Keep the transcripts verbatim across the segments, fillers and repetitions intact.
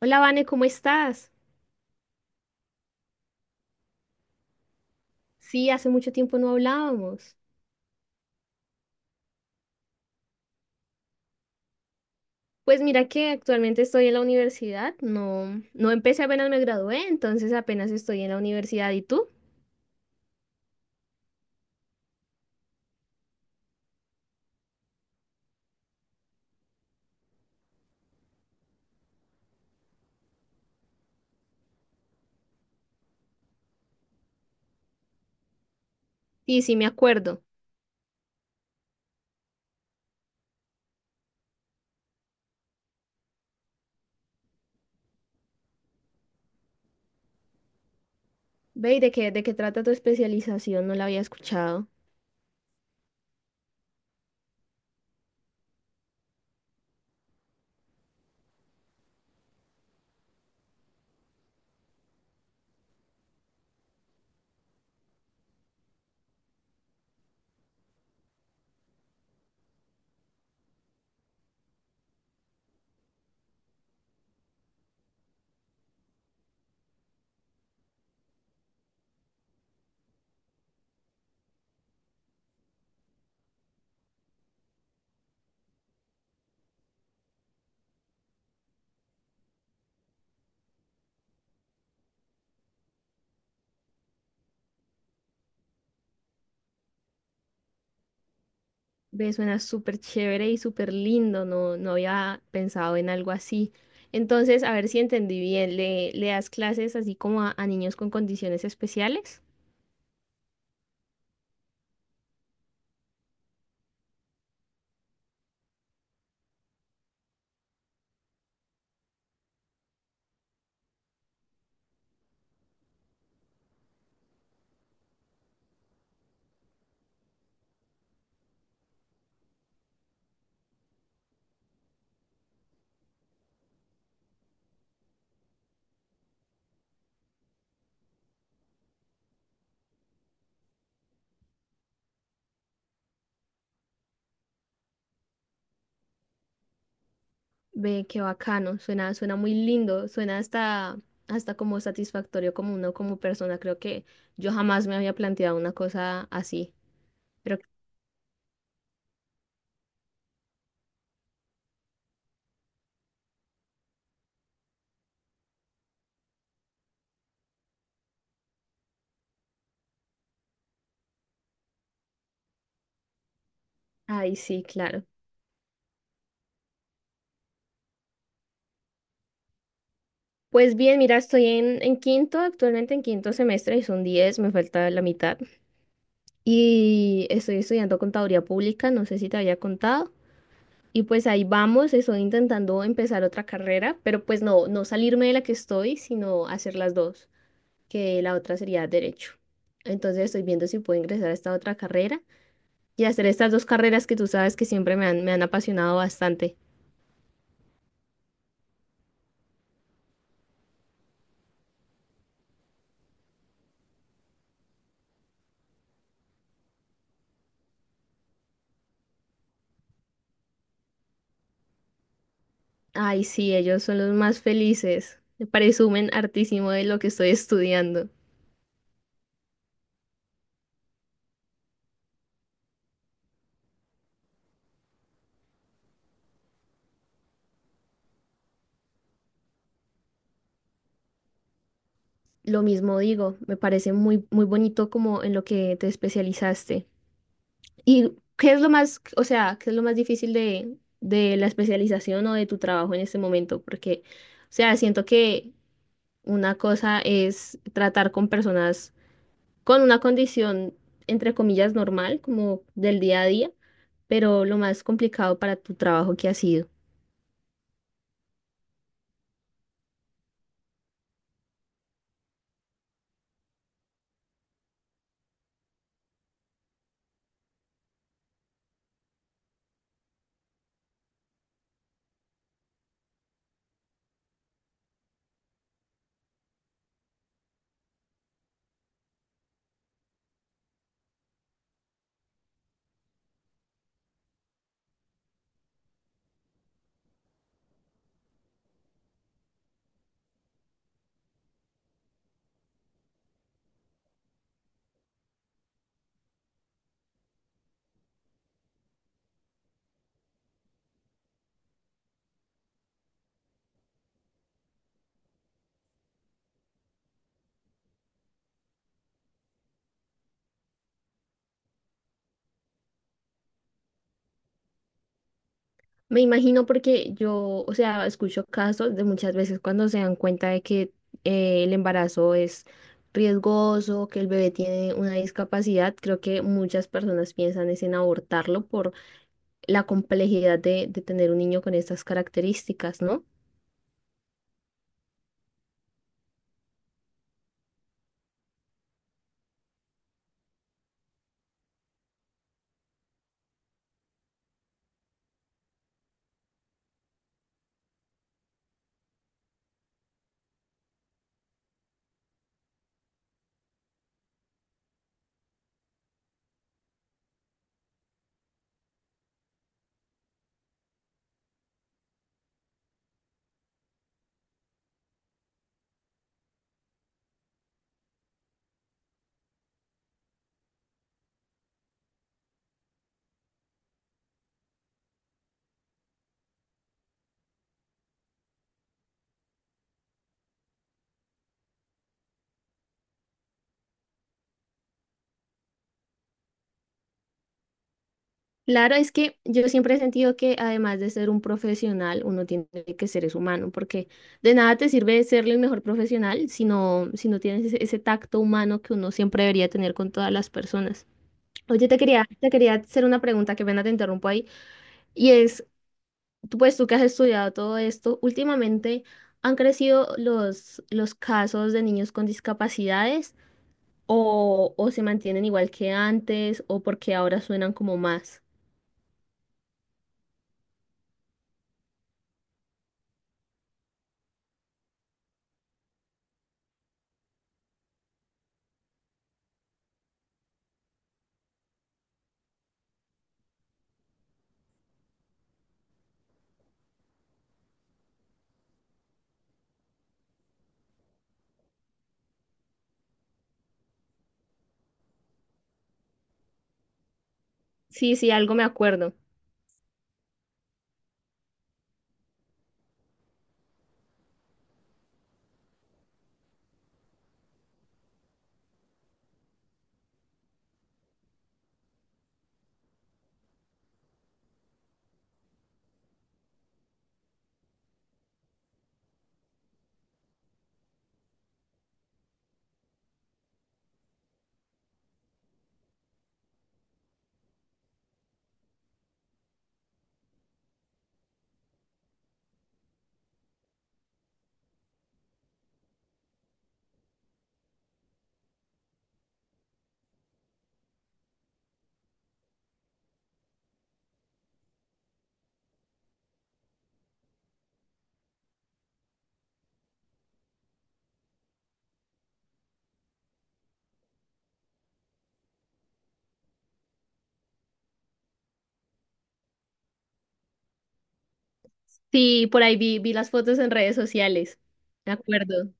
Hola, Vane, ¿cómo estás? Sí, hace mucho tiempo no hablábamos. Pues mira que actualmente estoy en la universidad, no, no empecé apenas me gradué, entonces apenas estoy en la universidad. ¿Y tú? Sí, sí, me acuerdo. Ve, ¿y de qué, de qué trata tu especialización? No la había escuchado. Ve, suena súper chévere y súper lindo, no, no había pensado en algo así. Entonces, a ver si entendí bien, ¿le, le das clases así como a a niños con condiciones especiales? Ve, qué bacano, suena, suena muy lindo, suena hasta, hasta como satisfactorio como uno como persona. Creo que yo jamás me había planteado una cosa así. Pero, ay, sí, claro. Pues bien, mira, estoy en, en quinto, actualmente en quinto semestre y son diez, me falta la mitad. Y estoy estudiando contaduría pública, no sé si te había contado. Y pues ahí vamos, estoy intentando empezar otra carrera, pero pues no, no salirme de la que estoy, sino hacer las dos, que la otra sería derecho. Entonces estoy viendo si puedo ingresar a esta otra carrera y hacer estas dos carreras que tú sabes que siempre me han, me han apasionado bastante. Ay, sí, ellos son los más felices. Presumen hartísimo de lo que estoy estudiando. Lo mismo digo, me parece muy, muy bonito como en lo que te especializaste. ¿Y qué es lo más, o sea, qué es lo más difícil de, de la especialización o de tu trabajo en este momento? Porque, o sea, siento que una cosa es tratar con personas con una condición, entre comillas, normal, como del día a día, pero lo más complicado para tu trabajo que ha sido. Me imagino porque yo, o sea, escucho casos de muchas veces cuando se dan cuenta de que eh, el embarazo es riesgoso, que el bebé tiene una discapacidad, creo que muchas personas piensan es en abortarlo por la complejidad de, de tener un niño con estas características, ¿no? Claro, es que yo siempre he sentido que además de ser un profesional, uno tiene que ser es humano, porque de nada te sirve ser el mejor profesional si no, si no tienes ese, ese tacto humano que uno siempre debería tener con todas las personas. Oye, te quería, te quería hacer una pregunta, que pena te interrumpo ahí, y es, tú, pues tú que has estudiado todo esto, últimamente han crecido los, los casos de niños con discapacidades o, o se mantienen igual que antes o porque ahora suenan como más. Sí, sí, algo me acuerdo. Sí, por ahí vi, vi las fotos en redes sociales. De acuerdo.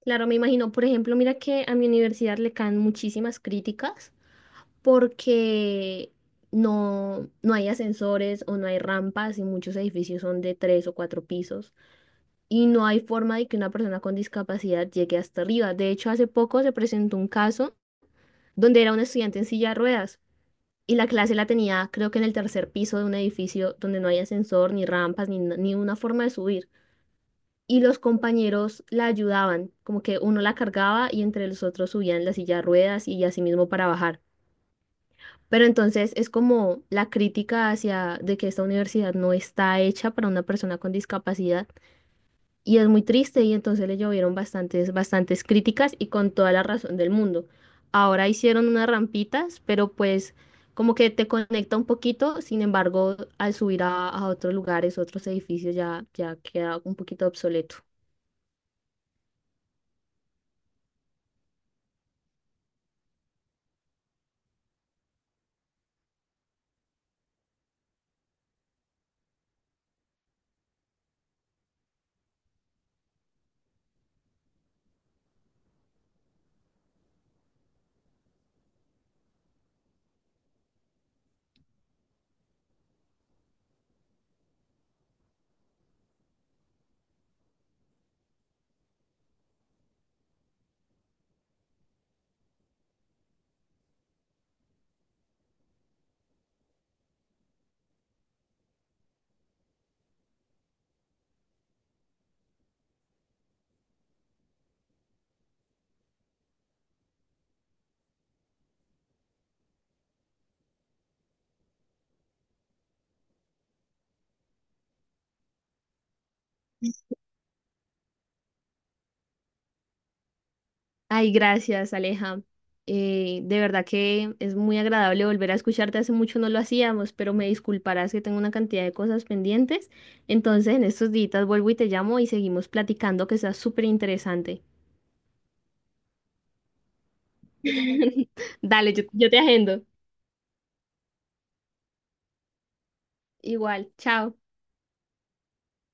Claro, me imagino, por ejemplo, mira que a mi universidad le caen muchísimas críticas porque no, no hay ascensores o no hay rampas y muchos edificios son de tres o cuatro pisos y no hay forma de que una persona con discapacidad llegue hasta arriba. De hecho, hace poco se presentó un caso donde era un estudiante en silla de ruedas y la clase la tenía creo que en el tercer piso de un edificio donde no hay ascensor, ni rampas, ni, ni una forma de subir, y los compañeros la ayudaban, como que uno la cargaba y entre los otros subían la silla de ruedas y así mismo para bajar. Pero entonces es como la crítica hacia de que esta universidad no está hecha para una persona con discapacidad y es muy triste y entonces le llovieron bastantes, bastantes críticas y con toda la razón del mundo. Ahora hicieron unas rampitas, pero pues como que te conecta un poquito, sin embargo, al subir a, a otros lugares, otros edificios, ya, ya queda un poquito obsoleto. Ay, gracias, Aleja. Eh, de verdad que es muy agradable volver a escucharte. Hace mucho no lo hacíamos, pero me disculparás que tengo una cantidad de cosas pendientes. Entonces, en estos días vuelvo y te llamo y seguimos platicando, que está súper interesante. Dale, yo, yo te agendo. Igual, chao.